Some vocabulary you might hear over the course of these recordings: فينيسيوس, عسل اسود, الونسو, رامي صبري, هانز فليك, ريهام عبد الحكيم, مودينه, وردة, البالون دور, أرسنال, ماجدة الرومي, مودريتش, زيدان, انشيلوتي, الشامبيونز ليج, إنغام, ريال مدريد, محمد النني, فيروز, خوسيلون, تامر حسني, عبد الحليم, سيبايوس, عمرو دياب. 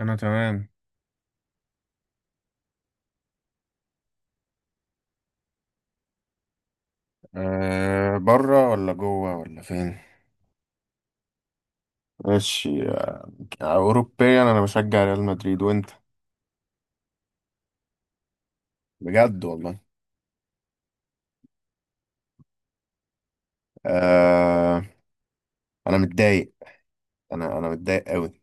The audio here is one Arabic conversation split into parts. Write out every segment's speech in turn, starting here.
انا تمام. بره ولا جوه ولا فين؟ ماشي، آه، اوروبيا انا بشجع ريال مدريد، وانت؟ بجد والله. أه، انا متضايق. انا متضايق قوي.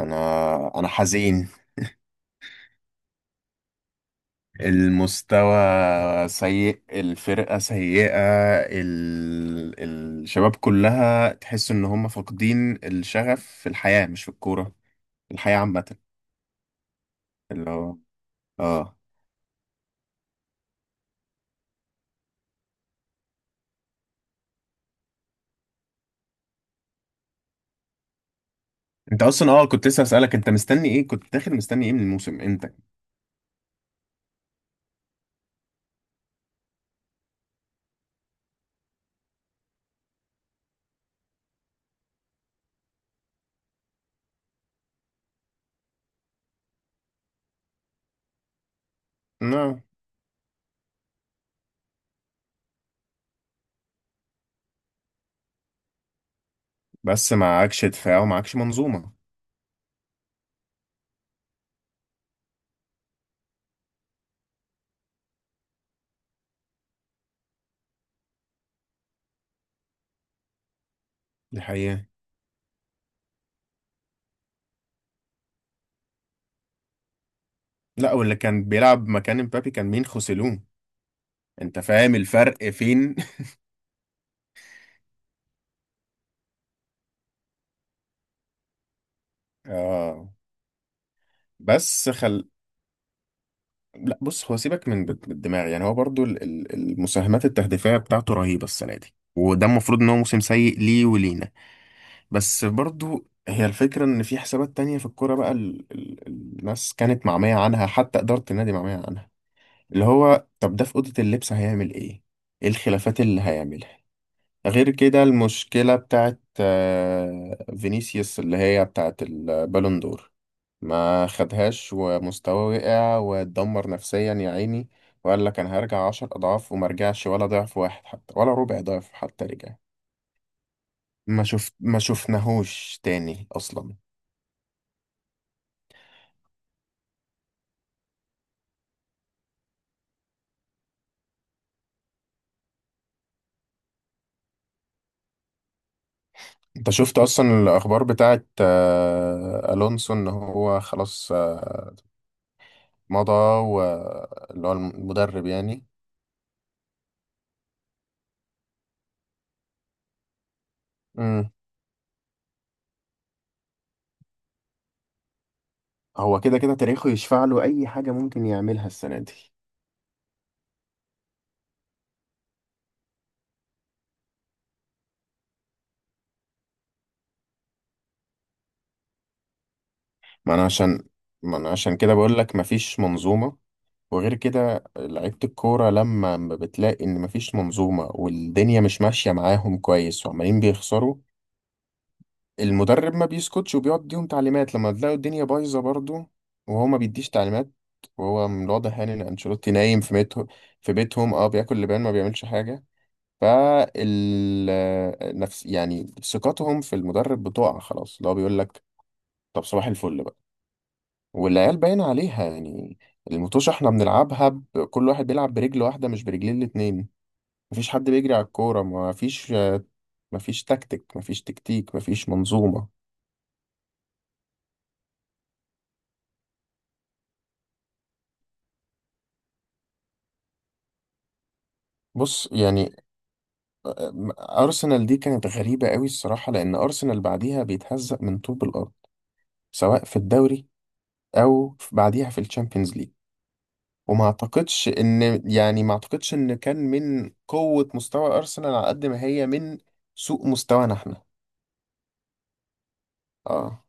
انا حزين. المستوى سيء، الفرقة سيئة. ال... الشباب كلها تحس ان هم فاقدين الشغف في الحياة، مش في الكورة. الحياة عامة. اللي هو اه، انت اصلا اه كنت لسه اسالك، انت مستني ايه؟ كنت داخل مستني ايه من الموسم امتى؟ لا، بس معكش دفاع ومعكش منظومه. دي حقيقه. لا، واللي كان بيلعب مكان امبابي كان مين؟ خوسيلون. انت فاهم الفرق فين؟ اه بس خل، لا بص، هو سيبك من الدماغ، يعني هو برضو المساهمات التهديفيه بتاعته رهيبه السنه دي، وده المفروض ان هو موسم سيء ليه ولينا. بس برضو هي الفكره ان في حسابات تانية في الكوره بقى، الناس كانت معميه عنها، حتى اداره النادي معميه عنها. اللي هو طب ده في أوضة اللبس هيعمل إيه؟ إيه الخلافات اللي هيعملها؟ غير كده، المشكلة بتاعت آه، فينيسيوس، اللي هي بتاعت البالون دور. ما خدهاش، ومستواه وقع واتدمر نفسيا يا عيني، وقال لك أنا هرجع عشر أضعاف، وما رجعش ولا ضعف واحد حتى، ولا ربع ضعف حتى رجع. ما شفت، ما شفناهوش تاني أصلا. انت شفت اصلا الاخبار بتاعت آه، الونسو، ان هو خلاص آه، مضى، واللي هو المدرب يعني. امم. هو كده كده تاريخه يشفع له اي حاجه ممكن يعملها السنه دي. ما انا عشان ما انا عشان كده بقول لك مفيش منظومه. وغير كده، لعيبه الكوره لما ما بتلاقي ان مفيش منظومه، والدنيا مش ماشيه معاهم كويس، وعمالين بيخسروا، المدرب ما بيسكتش وبيقعد يديهم تعليمات. لما تلاقوا الدنيا بايظه برضه وهو ما بيديش تعليمات، وهو من الواضح يعني ان انشيلوتي نايم في بيته. في بيتهم اه، بياكل لبان، ما بيعملش حاجه. فال، نفس، يعني ثقتهم في المدرب بتقع خلاص. اللي هو بيقول لك طب صباح الفل بقى. والعيال باين عليها يعني. المطوشة احنا بنلعبها. كل واحد بيلعب برجل واحدة، مش برجلين الاتنين. مفيش حد بيجري على الكورة. مفيش، مفيش تكتيك، مفيش منظومة. بص يعني، أرسنال دي كانت غريبة قوي الصراحة، لأن أرسنال بعديها بيتهزق من طوب الأرض، سواء في الدوري أو بعديها في الشامبيونز ليج. وما اعتقدش ان يعني، ما اعتقدش ان كان من قوة مستوى ارسنال على قد ما هي من سوء مستوانا احنا. اه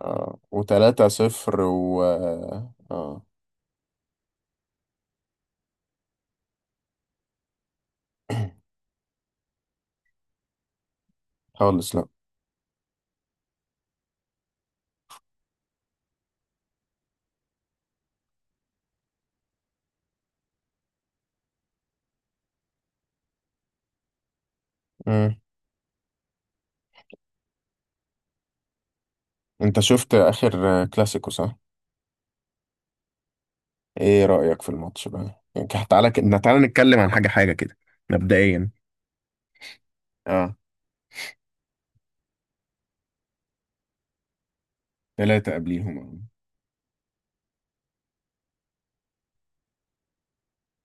اه، وتلاتة صفر و اه آه، خالص لا. مم. انت شفت اخر كلاسيكو صح؟ ايه رأيك في الماتش بقى؟ يعني تعالى ك، تعالى نتكلم عن حاجة حاجة كده. مبدئيا، اه، تلاتة قبليهم آه.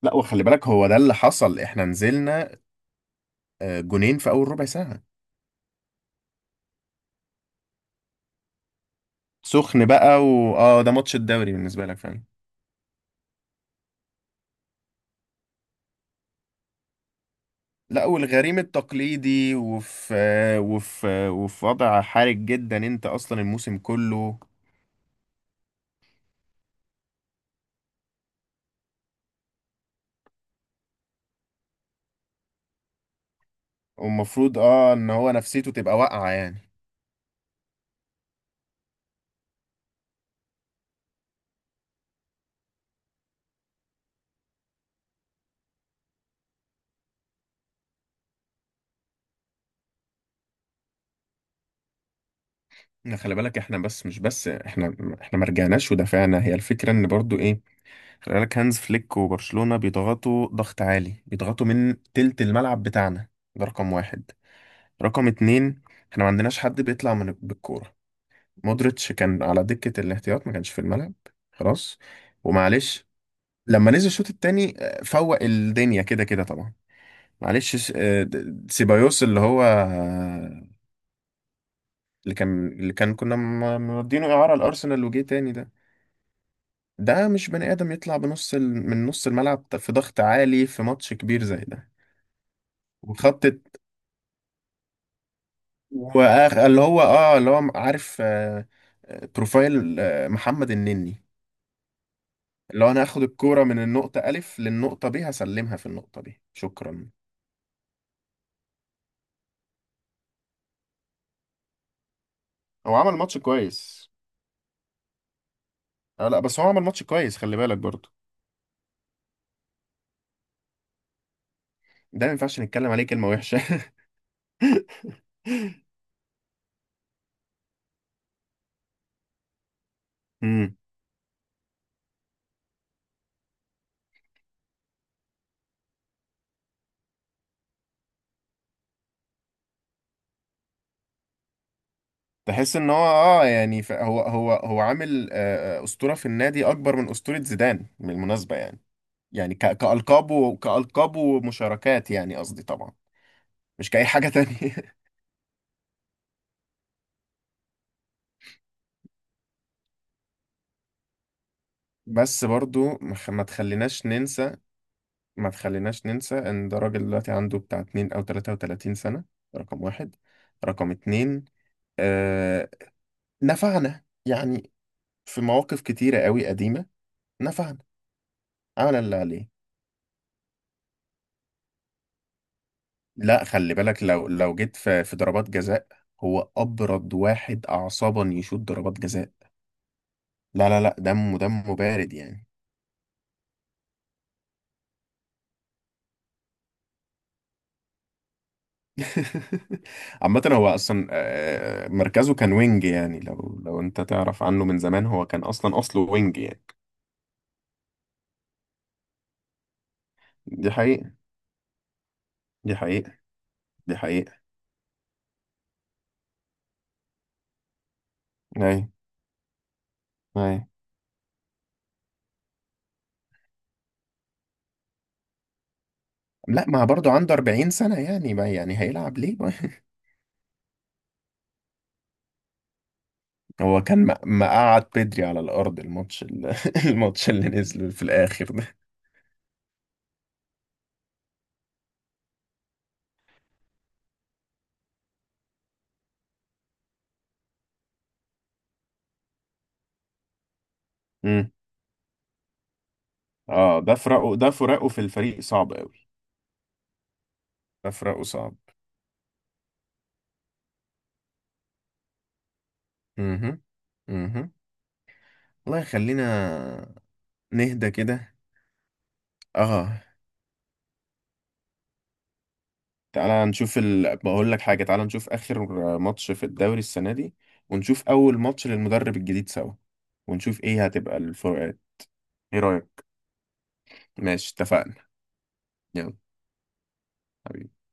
لا، وخلي بالك هو ده اللي حصل، احنا نزلنا آه، جونين في اول ربع ساعة. سخن بقى، واه ده ماتش الدوري بالنسبة لك فعلا. لا، والغريم التقليدي، وفي وضع حرج جدا انت اصلا الموسم كله. ومفروض اه ان هو نفسيته تبقى واقعة يعني. إن خلي بالك احنا، بس مش بس احنا احنا ما رجعناش ودافعنا. هي الفكرة ان برضو ايه، خلي بالك هانز فليك وبرشلونة بيضغطوا ضغط عالي، بيضغطوا من تلت الملعب بتاعنا. ده رقم واحد. رقم اتنين، احنا ما عندناش حد بيطلع من بالكورة. مودريتش كان على دكة الاحتياط، ما كانش في الملعب. خلاص، ومعلش، لما نزل الشوط التاني آه، فوق الدنيا كده كده طبعا. معلش آه، سيبايوس اللي هو آه، اللي كان كنا مودينه اعاره الارسنال وجه تاني ده. ده مش بني ادم يطلع من نص الملعب في ضغط عالي في ماتش كبير زي ده. وخط الت- وآخ، اللي هو اه، اللي هو عارف آه، آه، بروفايل آه، محمد النني. اللي هو انا هاخد الكوره من النقطه الف للنقطه ب، هسلمها في النقطه ب شكرا. هو عمل ماتش كويس. آه لا، بس هو عمل ماتش كويس، خلي بالك برضه. ده ما ينفعش نتكلم عليه كلمة وحشة. امم، تحس ان هو اه يعني هو عامل آه، آه، اسطوره في النادي اكبر من اسطوره زيدان بالمناسبه يعني. يعني كالقاب كالقاب ومشاركات، يعني قصدي طبعا، مش كاي حاجه تانية. بس برضو ما خ، ما تخليناش ننسى، ان ده راجل دلوقتي عنده بتاع 2 او 33 سنه. رقم واحد. رقم اتنين، آه، نفعنا يعني في مواقف كتيره قوي قديمه. نفعنا، عمل اللي عليه. لا خلي بالك، لو جيت في ضربات جزاء، هو ابرد واحد اعصابا يشوط ضربات جزاء. لا، دمه بارد يعني. عامة هو أصلا آه، مركزه كان وينج يعني. لو أنت تعرف عنه من زمان، هو كان أصلا أصله وينج يعني. دي حقيقة. دي حقيقة. دي حقيقة. أي، أي. لا، ما برضه عنده 40 سنة يعني، ما يعني هيلعب ليه بقى؟ هو كان مقعد بدري على الأرض الماتش اللي نزل في الآخر ده. اه ده فراقه، ده فراقه في الفريق صعب قوي. ده فراقه صعب. اها، اها. والله خلينا نهدى كده. اه، تعالى نشوف بقول لك حاجة، تعالى نشوف آخر ماتش في الدوري السنة دي، ونشوف أول ماتش للمدرب الجديد سوا، ونشوف إيه هتبقى الفروقات. إيه رأيك؟ ماشي، اتفقنا. يلا حبيبي.